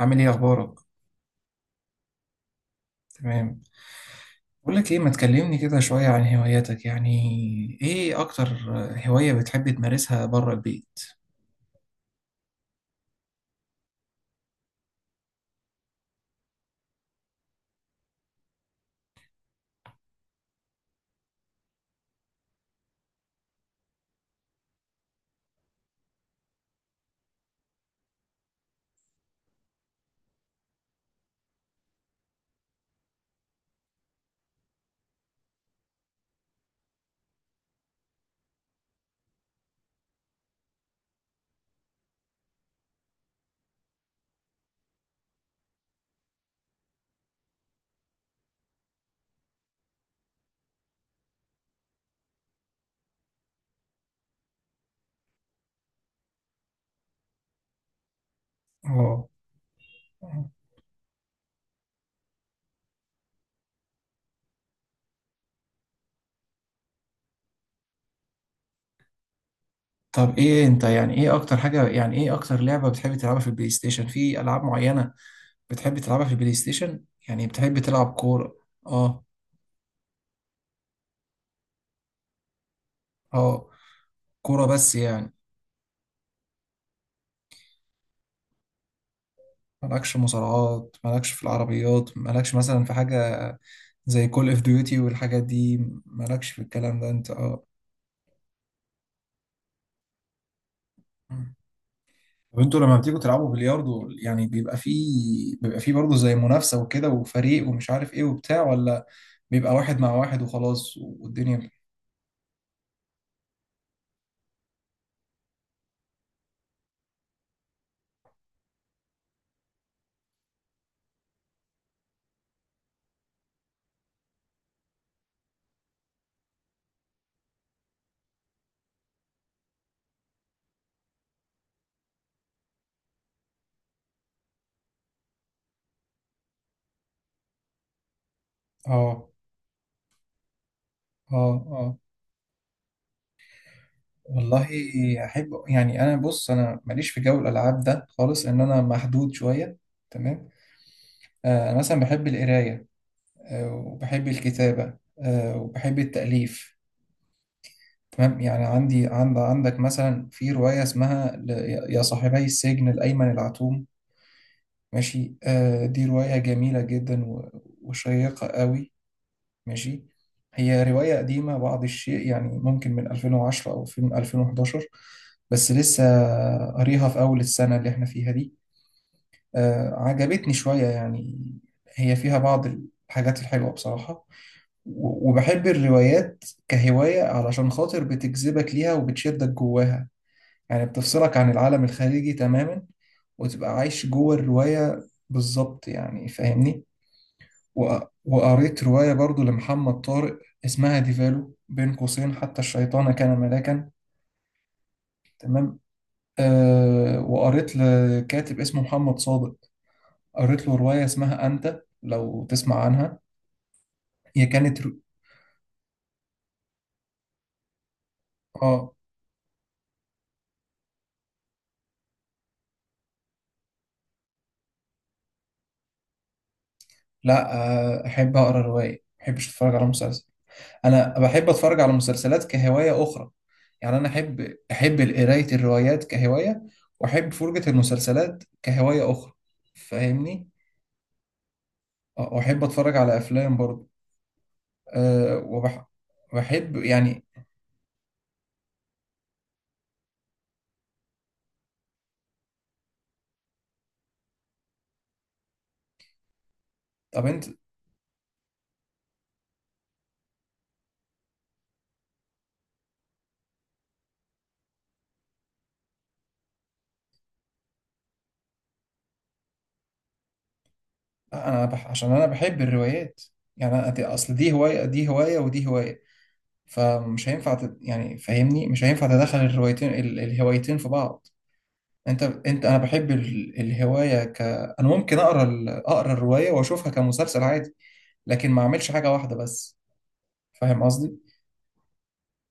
عامل ايه اخبارك؟ تمام. بقول لك ايه، ما تكلمني كده شوية عن هواياتك؟ يعني ايه اكتر هواية بتحب تمارسها بره البيت؟ اه، طب ايه انت، يعني ايه اكتر حاجة، يعني ايه اكتر لعبة بتحب تلعبها في البلاي ستيشن؟ في العاب معينة بتحب تلعبها في البلاي ستيشن؟ يعني بتحب تلعب كورة؟ اه، اه. كورة بس يعني؟ مالكش مصارعات؟ مالكش في العربيات؟ مالكش مثلا في حاجة زي كول اوف ديوتي والحاجات دي؟ مالكش في الكلام ده انت؟ اه. طب انتوا لما بتيجوا تلعبوا بلياردو يعني بيبقى فيه، بيبقى فيه برضه زي منافسة وكده وفريق ومش عارف ايه وبتاع، ولا بيبقى واحد مع واحد وخلاص والدنيا؟ اه، اه، اه. والله احب يعني، انا بص، انا ماليش في جو الالعاب ده خالص، ان انا محدود شوية. تمام. انا مثلا بحب القراية. وبحب الكتابة. وبحب التأليف. تمام. يعني عندي، عند عندك مثلا في رواية اسمها يا صاحبي السجن، الأيمن العتوم. ماشي. دي رواية جميلة جدا وشيقة قوي. ماشي. هي رواية قديمة بعض الشيء، يعني ممكن من 2010 أو من 2011. بس لسه قاريها في أول السنة اللي احنا فيها دي. عجبتني شوية يعني. هي فيها بعض الحاجات الحلوة بصراحة. وبحب الروايات كهواية، علشان خاطر بتجذبك ليها وبتشدك جواها. يعني بتفصلك عن العالم الخارجي تماما، وتبقى عايش جوه الرواية بالظبط. يعني فاهمني؟ و- وقريت رواية برضو لمحمد طارق، اسمها ديفالو بين قوسين حتى الشيطان كان ملاكا. تمام. أه، وقريت لكاتب اسمه محمد صادق، قريت له رواية اسمها أنت، لو تسمع عنها. هي كانت اه. لا. أحب أقرأ رواية، ما بحبش أتفرج على مسلسل. انا بحب اتفرج على مسلسلات كهوايه اخرى. يعني انا احب، احب قرايه الروايات كهوايه، واحب فرجه المسلسلات كهوايه اخرى. فاهمني؟ واحب اتفرج على افلام برضه. أه وبح بحب يعني. طب انت، انا عشان انا بحب الروايات. يعني أنا اصل دي هوايه، دي هوايه، ودي هوايه. فمش هينفع يعني فاهمني، مش هينفع تدخل الروايتين الهوايتين في بعض. انت انا بحب الهوايه، ك انا ممكن اقرا اقرا الروايه واشوفها كمسلسل عادي، لكن ما اعملش حاجه واحده بس. فاهم قصدي؟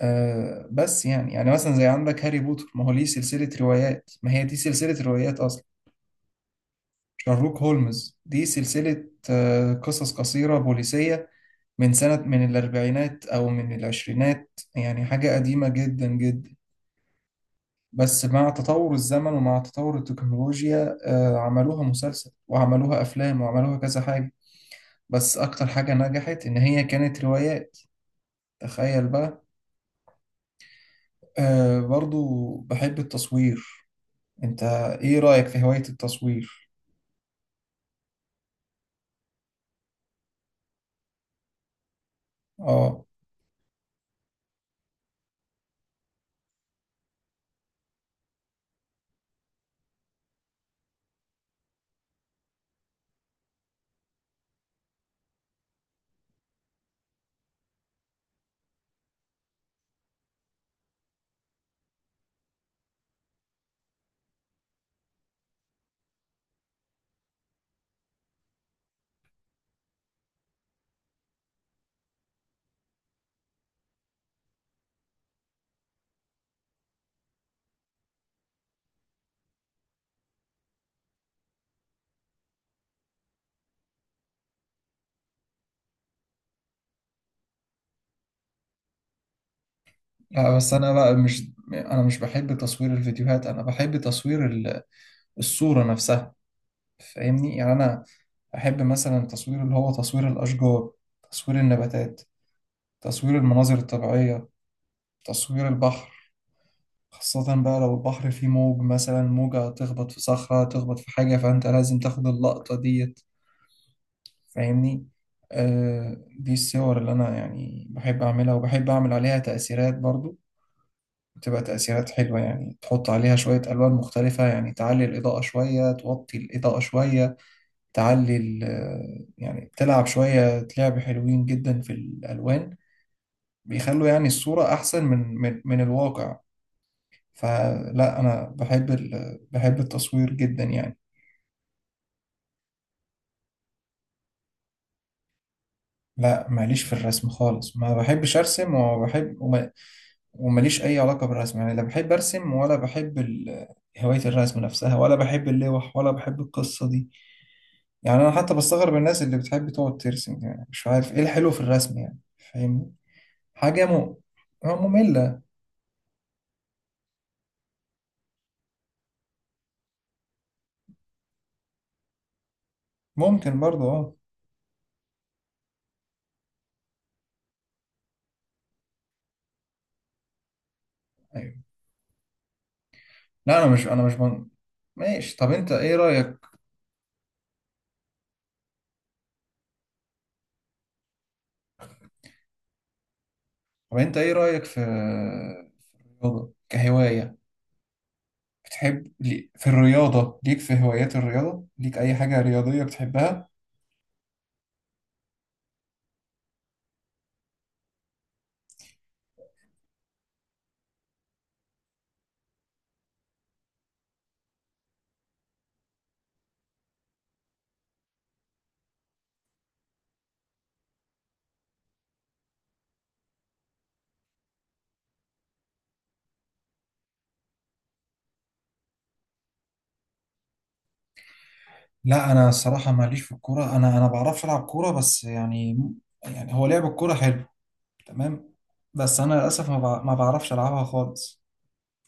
آه، بس يعني، يعني مثلا زي عندك هاري بوتر، ما هو ليه سلسله روايات، ما هي دي سلسله روايات اصلا. شارلوك هولمز دي سلسله، آه، قصص قصيره بوليسيه من سنه، من الاربعينات او من العشرينات، يعني حاجه قديمه جدا جدا. بس مع تطور الزمن ومع تطور التكنولوجيا عملوها مسلسل وعملوها أفلام وعملوها كذا حاجة. بس أكتر حاجة نجحت إن هي كانت روايات. تخيل بقى. برضو بحب التصوير. أنت إيه رأيك في هواية التصوير؟ آه. لا بس أنا بقى، مش بحب تصوير الفيديوهات، أنا بحب تصوير الصورة نفسها. فاهمني؟ يعني أنا أحب مثلا تصوير اللي هو تصوير الأشجار، تصوير النباتات، تصوير المناظر الطبيعية، تصوير البحر. خاصة بقى لو البحر فيه موج، مثلا موجة تخبط في صخرة، تخبط في حاجة، فأنت لازم تاخد اللقطة ديت. فاهمني؟ آه، دي الصور اللي أنا يعني بحب أعملها، وبحب أعمل عليها تأثيرات برضو. بتبقى تأثيرات حلوة، يعني تحط عليها شوية ألوان مختلفة، يعني تعلي الإضاءة شوية، توطي الإضاءة شوية، تعلي يعني تلعب شوية لعب حلوين جدا في الألوان. بيخلوا يعني الصورة أحسن من الواقع. فلا، انا بحب التصوير جدا يعني. لا، ماليش في الرسم خالص، ما بحبش ارسم، وماليش اي علاقة بالرسم يعني. لا بحب ارسم هواية الرسم نفسها، ولا بحب اللوح، ولا بحب القصة دي. يعني انا حتى بستغرب الناس اللي بتحب تقعد ترسم، يعني مش عارف ايه الحلو في الرسم يعني. فاهمني؟ حاجة م... آه، مملة. ممكن برضو، اه. ايوه. لا انا مش، ماشي. طب انت ايه رأيك، طب انت ايه رأيك في رياضة كهواية؟ بتحب في الرياضة ليك، في هوايات الرياضة ليك أي حاجة رياضية بتحبها؟ لا انا الصراحه ماليش في الكوره، انا بعرفش العب كوره. بس يعني، يعني هو لعب الكوره حلو، تمام. بس انا للاسف ما بعرفش العبها خالص.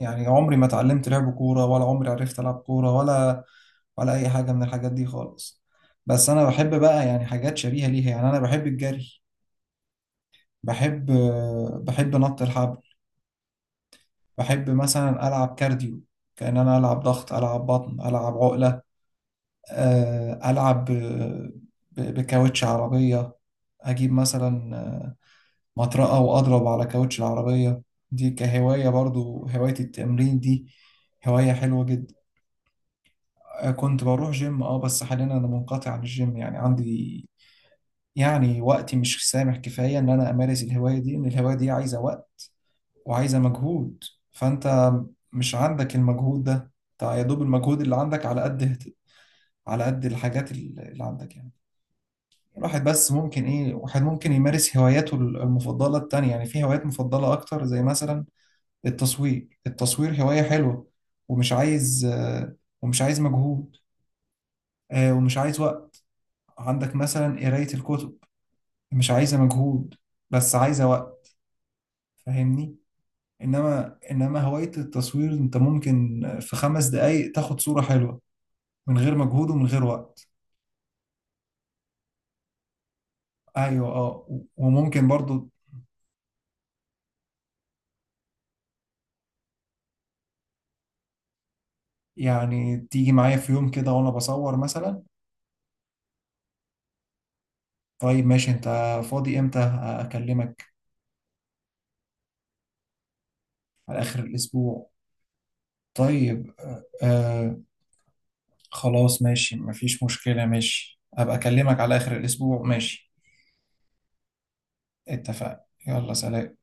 يعني عمري ما اتعلمت لعب كوره، ولا عمري عرفت العب كوره، ولا ولا اي حاجه من الحاجات دي خالص. بس انا بحب بقى يعني حاجات شبيهه ليها. يعني انا بحب الجري، بحب بحب نط الحبل، بحب مثلا ألعب كارديو، كأن أنا ألعب ضغط، ألعب بطن، ألعب عقلة. ألعب بكاوتش عربية. أجيب مثلا مطرقة وأضرب على كاوتش العربية. دي كهواية برضو، هواية التمرين دي هواية حلوة جدا. كنت بروح جيم اه، بس حاليا أنا منقطع عن الجيم. يعني عندي، يعني وقتي مش سامح كفاية إن أنا أمارس الهواية دي، إن الهواية دي عايزة وقت وعايزة مجهود. فأنت مش عندك المجهود ده، أنت يا دوب المجهود اللي عندك على قد، على قد الحاجات اللي عندك يعني. الواحد بس ممكن إيه، واحد ممكن يمارس هواياته المفضلة التانية، يعني في هوايات مفضلة أكتر زي مثلا التصوير. التصوير هواية حلوة، ومش عايز ومش عايز مجهود، ومش عايز وقت. عندك مثلا قراية الكتب، مش عايزة مجهود، بس عايزة وقت. فاهمني؟ انما هواية التصوير انت ممكن في خمس دقايق تاخد صورة حلوة، من غير مجهود ومن غير وقت. ايوه اه. وممكن برضو يعني تيجي معايا في يوم كده وانا بصور مثلا. طيب ماشي. انت فاضي امتى اكلمك؟ على اخر الاسبوع. طيب، خلاص ماشي، مفيش مشكلة، ماشي، ابقى اكلمك على اخر الاسبوع، ماشي. اتفقنا. يلا، سلام.